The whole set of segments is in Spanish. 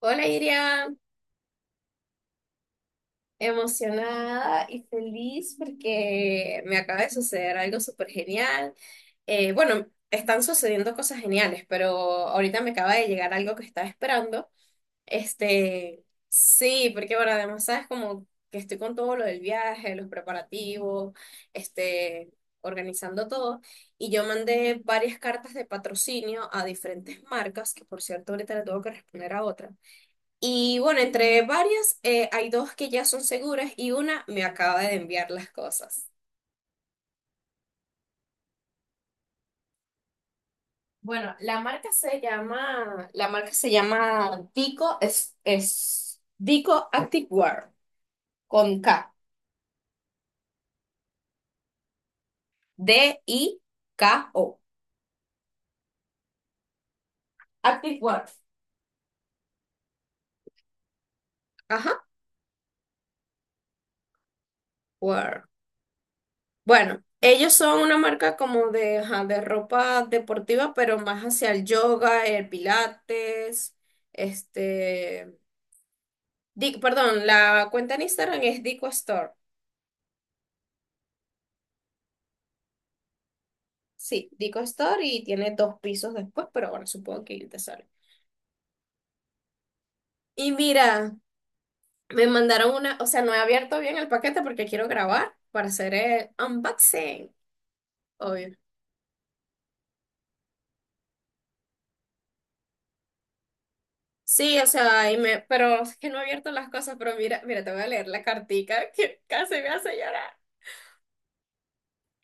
Hola Iria, emocionada y feliz porque me acaba de suceder algo súper genial. Bueno, están sucediendo cosas geniales, pero ahorita me acaba de llegar algo que estaba esperando. Este, sí, porque bueno, además sabes como que estoy con todo lo del viaje, los preparativos, este, organizando todo. Y yo mandé varias cartas de patrocinio a diferentes marcas, que por cierto ahorita le tengo que responder a otra. Y bueno, entre varias, hay dos que ya son seguras y una me acaba de enviar las cosas. Bueno, la marca se llama Dico, es Dico Activewear, con K, DIKO, Activewear. Ajá. Wear. Bueno, ellos son una marca como de, ajá, de ropa deportiva, pero más hacia el yoga, el pilates, este, perdón, la cuenta en Instagram es Dico Store. Sí, Dico Store y tiene dos pisos después, pero bueno, supongo que ahí te sale. Y mira, me mandaron una, o sea, no he abierto bien el paquete porque quiero grabar para hacer el unboxing, obvio. Sí, o sea, y me, pero es que no he abierto las cosas, pero mira, mira, te voy a leer la cartica que casi me hace llorar.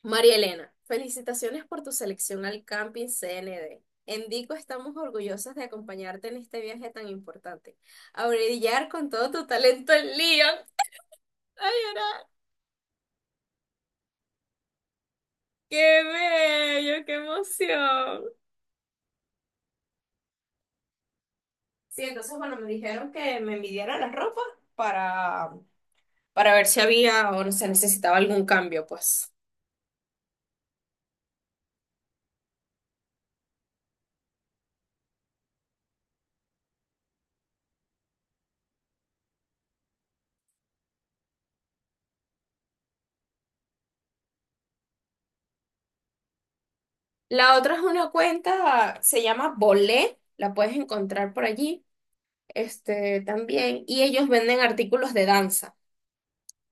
María Elena, felicitaciones por tu selección al Camping CND. En Dico estamos orgullosas de acompañarte en este viaje tan importante. A brillar con todo tu talento en Lyon. ¡Ay, ahora! ¡Qué bello! ¡Qué emoción! Sí, entonces, bueno, me dijeron que me midieran la ropa para, para ver si había o no se necesitaba algún cambio, pues. La otra es una cuenta, se llama Bolé, la puedes encontrar por allí, también, y ellos venden artículos de danza.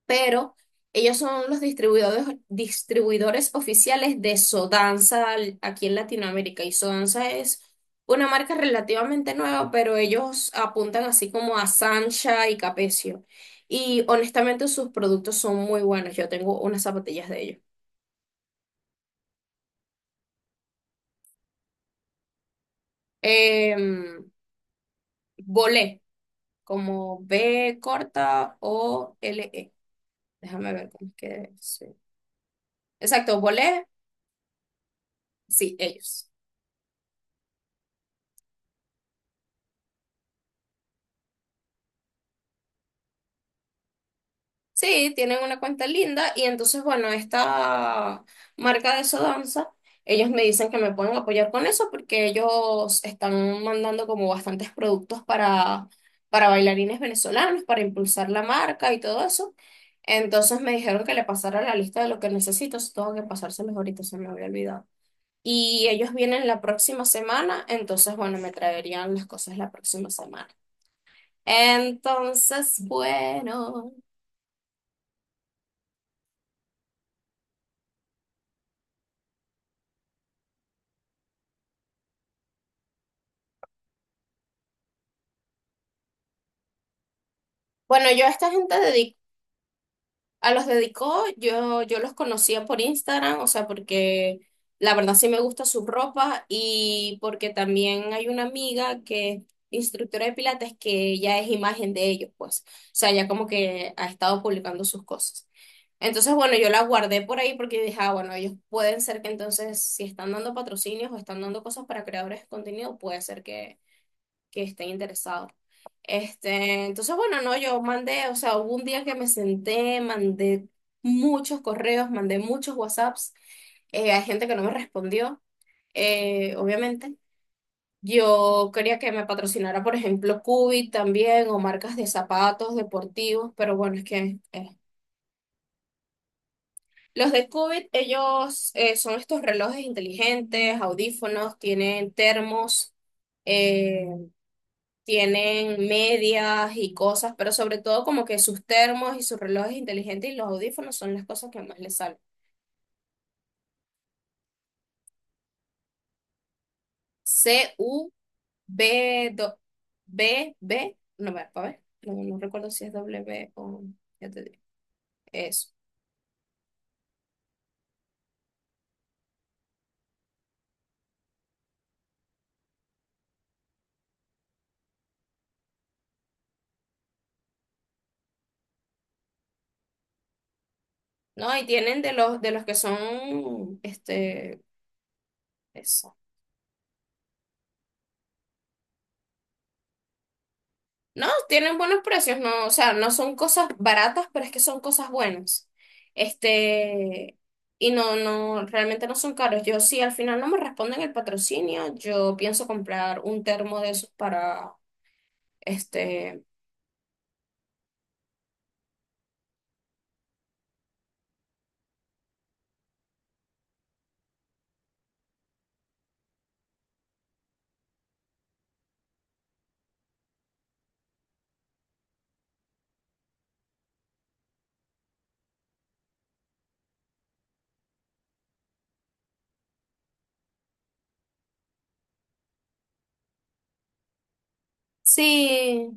Pero ellos son los distribuidores oficiales de Sodanza aquí en Latinoamérica. Y Sodanza es una marca relativamente nueva, pero ellos apuntan así como a Sancha y Capecio. Y honestamente sus productos son muy buenos. Yo tengo unas zapatillas de ellos. Em, Bolé, como B corta o L E. Déjame ver cómo es que sí. Exacto, Bolé, sí, ellos. Sí, tienen una cuenta linda y entonces, bueno, esta marca de Sodanza, ellos me dicen que me pueden apoyar con eso porque ellos están mandando como bastantes productos para bailarines venezolanos, para impulsar la marca y todo eso. Entonces me dijeron que le pasara la lista de lo que necesito, si tengo que pasárselos ahorita, se me había olvidado. Y ellos vienen la próxima semana, entonces, bueno, me traerían las cosas la próxima semana. Entonces, bueno. Bueno, yo a esta gente dedico. A los dedicó, yo los conocía por Instagram, o sea, porque la verdad sí me gusta su ropa y porque también hay una amiga que es instructora de pilates que ella es imagen de ellos, pues. O sea, ya como que ha estado publicando sus cosas. Entonces, bueno, yo la guardé por ahí porque dije, ah, bueno, ellos pueden ser que entonces, si están dando patrocinios o están dando cosas para creadores de contenido, puede ser que estén interesados. Entonces, bueno, no, yo mandé, o sea, hubo un día que me senté, mandé muchos correos, mandé muchos WhatsApps, hay gente que no me respondió, obviamente. Yo quería que me patrocinara, por ejemplo, Cubit también, o marcas de zapatos deportivos, pero bueno, es que los de Cubit, ellos son estos relojes inteligentes, audífonos, tienen termos. eh, Tienen medias y cosas, pero sobre todo como que sus termos y sus relojes inteligentes y los audífonos son las cosas que más les salen. C, U, B, no, va, a ver, no, no recuerdo si es W o, ya te digo, eso. No, y tienen de los que son, no, tienen buenos precios, no, o sea, no son cosas baratas, pero es que son cosas buenas. Este, y no, no, realmente no son caros. Yo sí, al final no me responden el patrocinio, yo pienso comprar un termo de esos para, este, sí,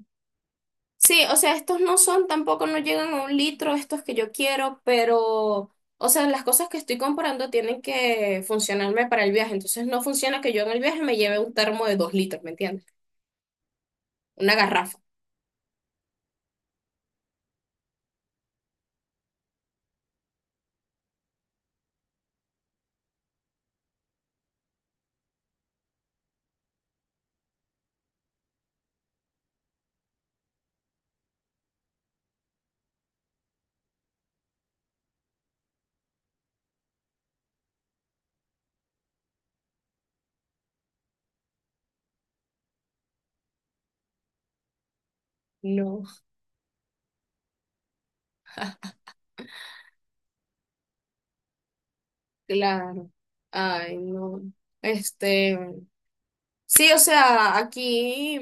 sí, o sea, estos no son, tampoco no llegan a un litro, estos que yo quiero, pero, o sea, las cosas que estoy comprando tienen que funcionarme para el viaje, entonces no funciona que yo en el viaje me lleve un termo de 2 litros, ¿me entiendes? Una garrafa. No. Claro. Ay, no. Este, sí, o sea, aquí,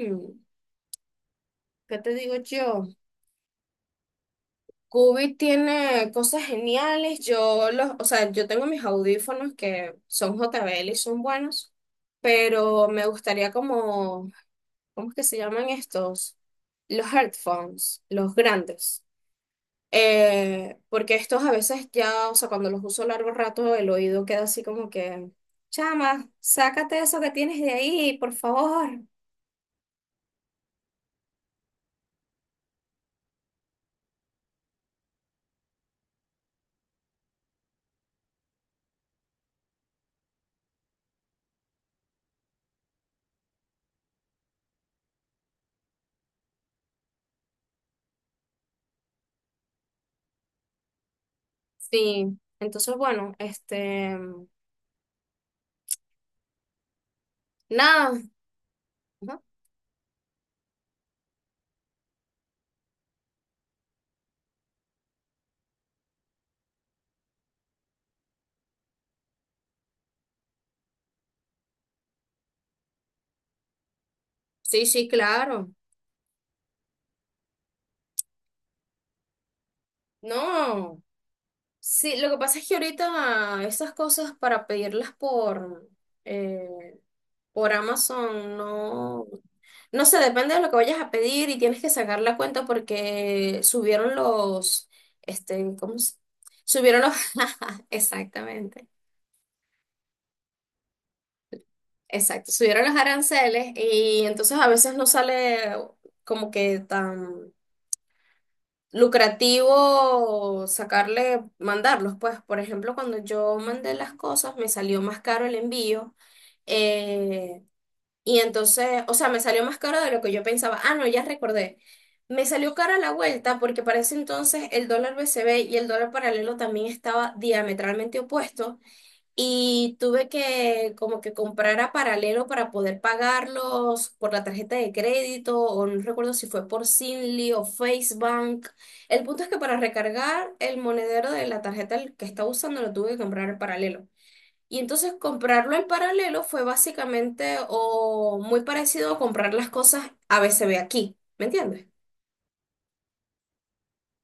¿qué te digo yo? Cubi tiene cosas geniales. Yo los, o sea, yo tengo mis audífonos que son JBL y son buenos, pero me gustaría como, ¿cómo es que se llaman estos? Los headphones, los grandes. Porque estos a veces ya, o sea, cuando los uso largo rato, el oído queda así como que, chama, sácate eso que tienes de ahí, por favor. Sí, entonces, bueno, nada. Ajá. Sí, sí, claro. No, sí, lo que pasa es que ahorita esas cosas para pedirlas por, eh, por Amazon no, no sé, depende de lo que vayas a pedir y tienes que sacar la cuenta porque subieron los, este, ¿cómo se- subieron los, exactamente, exacto, subieron los aranceles y entonces a veces no sale como que tan lucrativo sacarle, mandarlos, pues, por ejemplo, cuando yo mandé las cosas me salió más caro el envío. eh, Y entonces, o sea, me salió más caro de lo que yo pensaba. Ah, no, ya recordé. Me salió cara la vuelta porque para ese entonces el dólar BCB y el dólar paralelo también estaba diametralmente opuesto y tuve que como que comprar a paralelo para poder pagarlos por la tarjeta de crédito, o no recuerdo si fue por Zinli o FaceBank. El punto es que para recargar el monedero de la tarjeta que estaba usando lo tuve que comprar al paralelo. Y entonces comprarlo en paralelo fue básicamente o muy parecido a comprar las cosas a ABCB aquí, ¿me entiendes?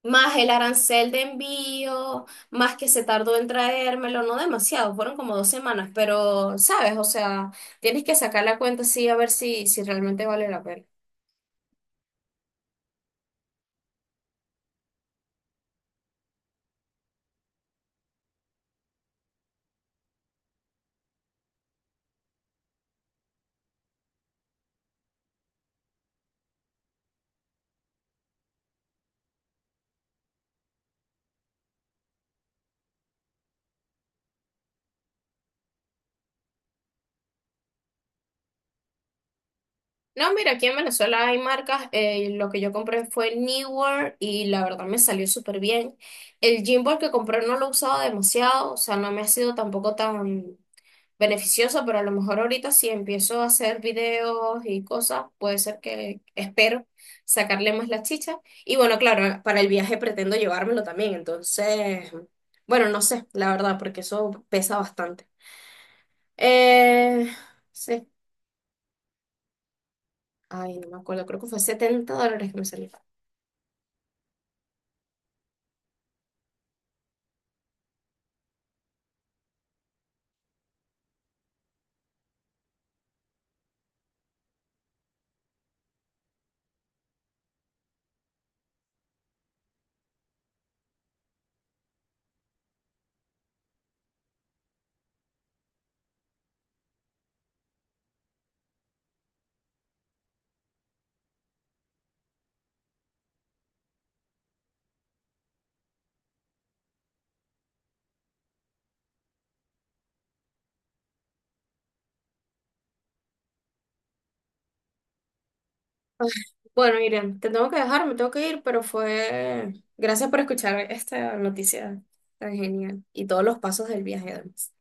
Más el arancel de envío, más que se tardó en traérmelo, no demasiado, fueron como 2 semanas, pero sabes, o sea, tienes que sacar la cuenta sí a ver si, si realmente vale la pena. No, mira, aquí en Venezuela hay marcas, lo que yo compré fue Newer y la verdad me salió súper bien. El Gymbal que compré no lo he usado demasiado, o sea, no me ha sido tampoco tan beneficioso, pero a lo mejor ahorita si empiezo a hacer videos y cosas, puede ser que espero sacarle más la chicha. Y bueno, claro, para el viaje pretendo llevármelo también, entonces, bueno, no sé, la verdad, porque eso pesa bastante. Eh, sí, ay, no me acuerdo, creo que fue $70 que me salió. Ay, bueno, Miriam, te tengo que dejar, me tengo que ir, pero fue... Gracias por escuchar esta noticia tan genial y todos los pasos del viaje además.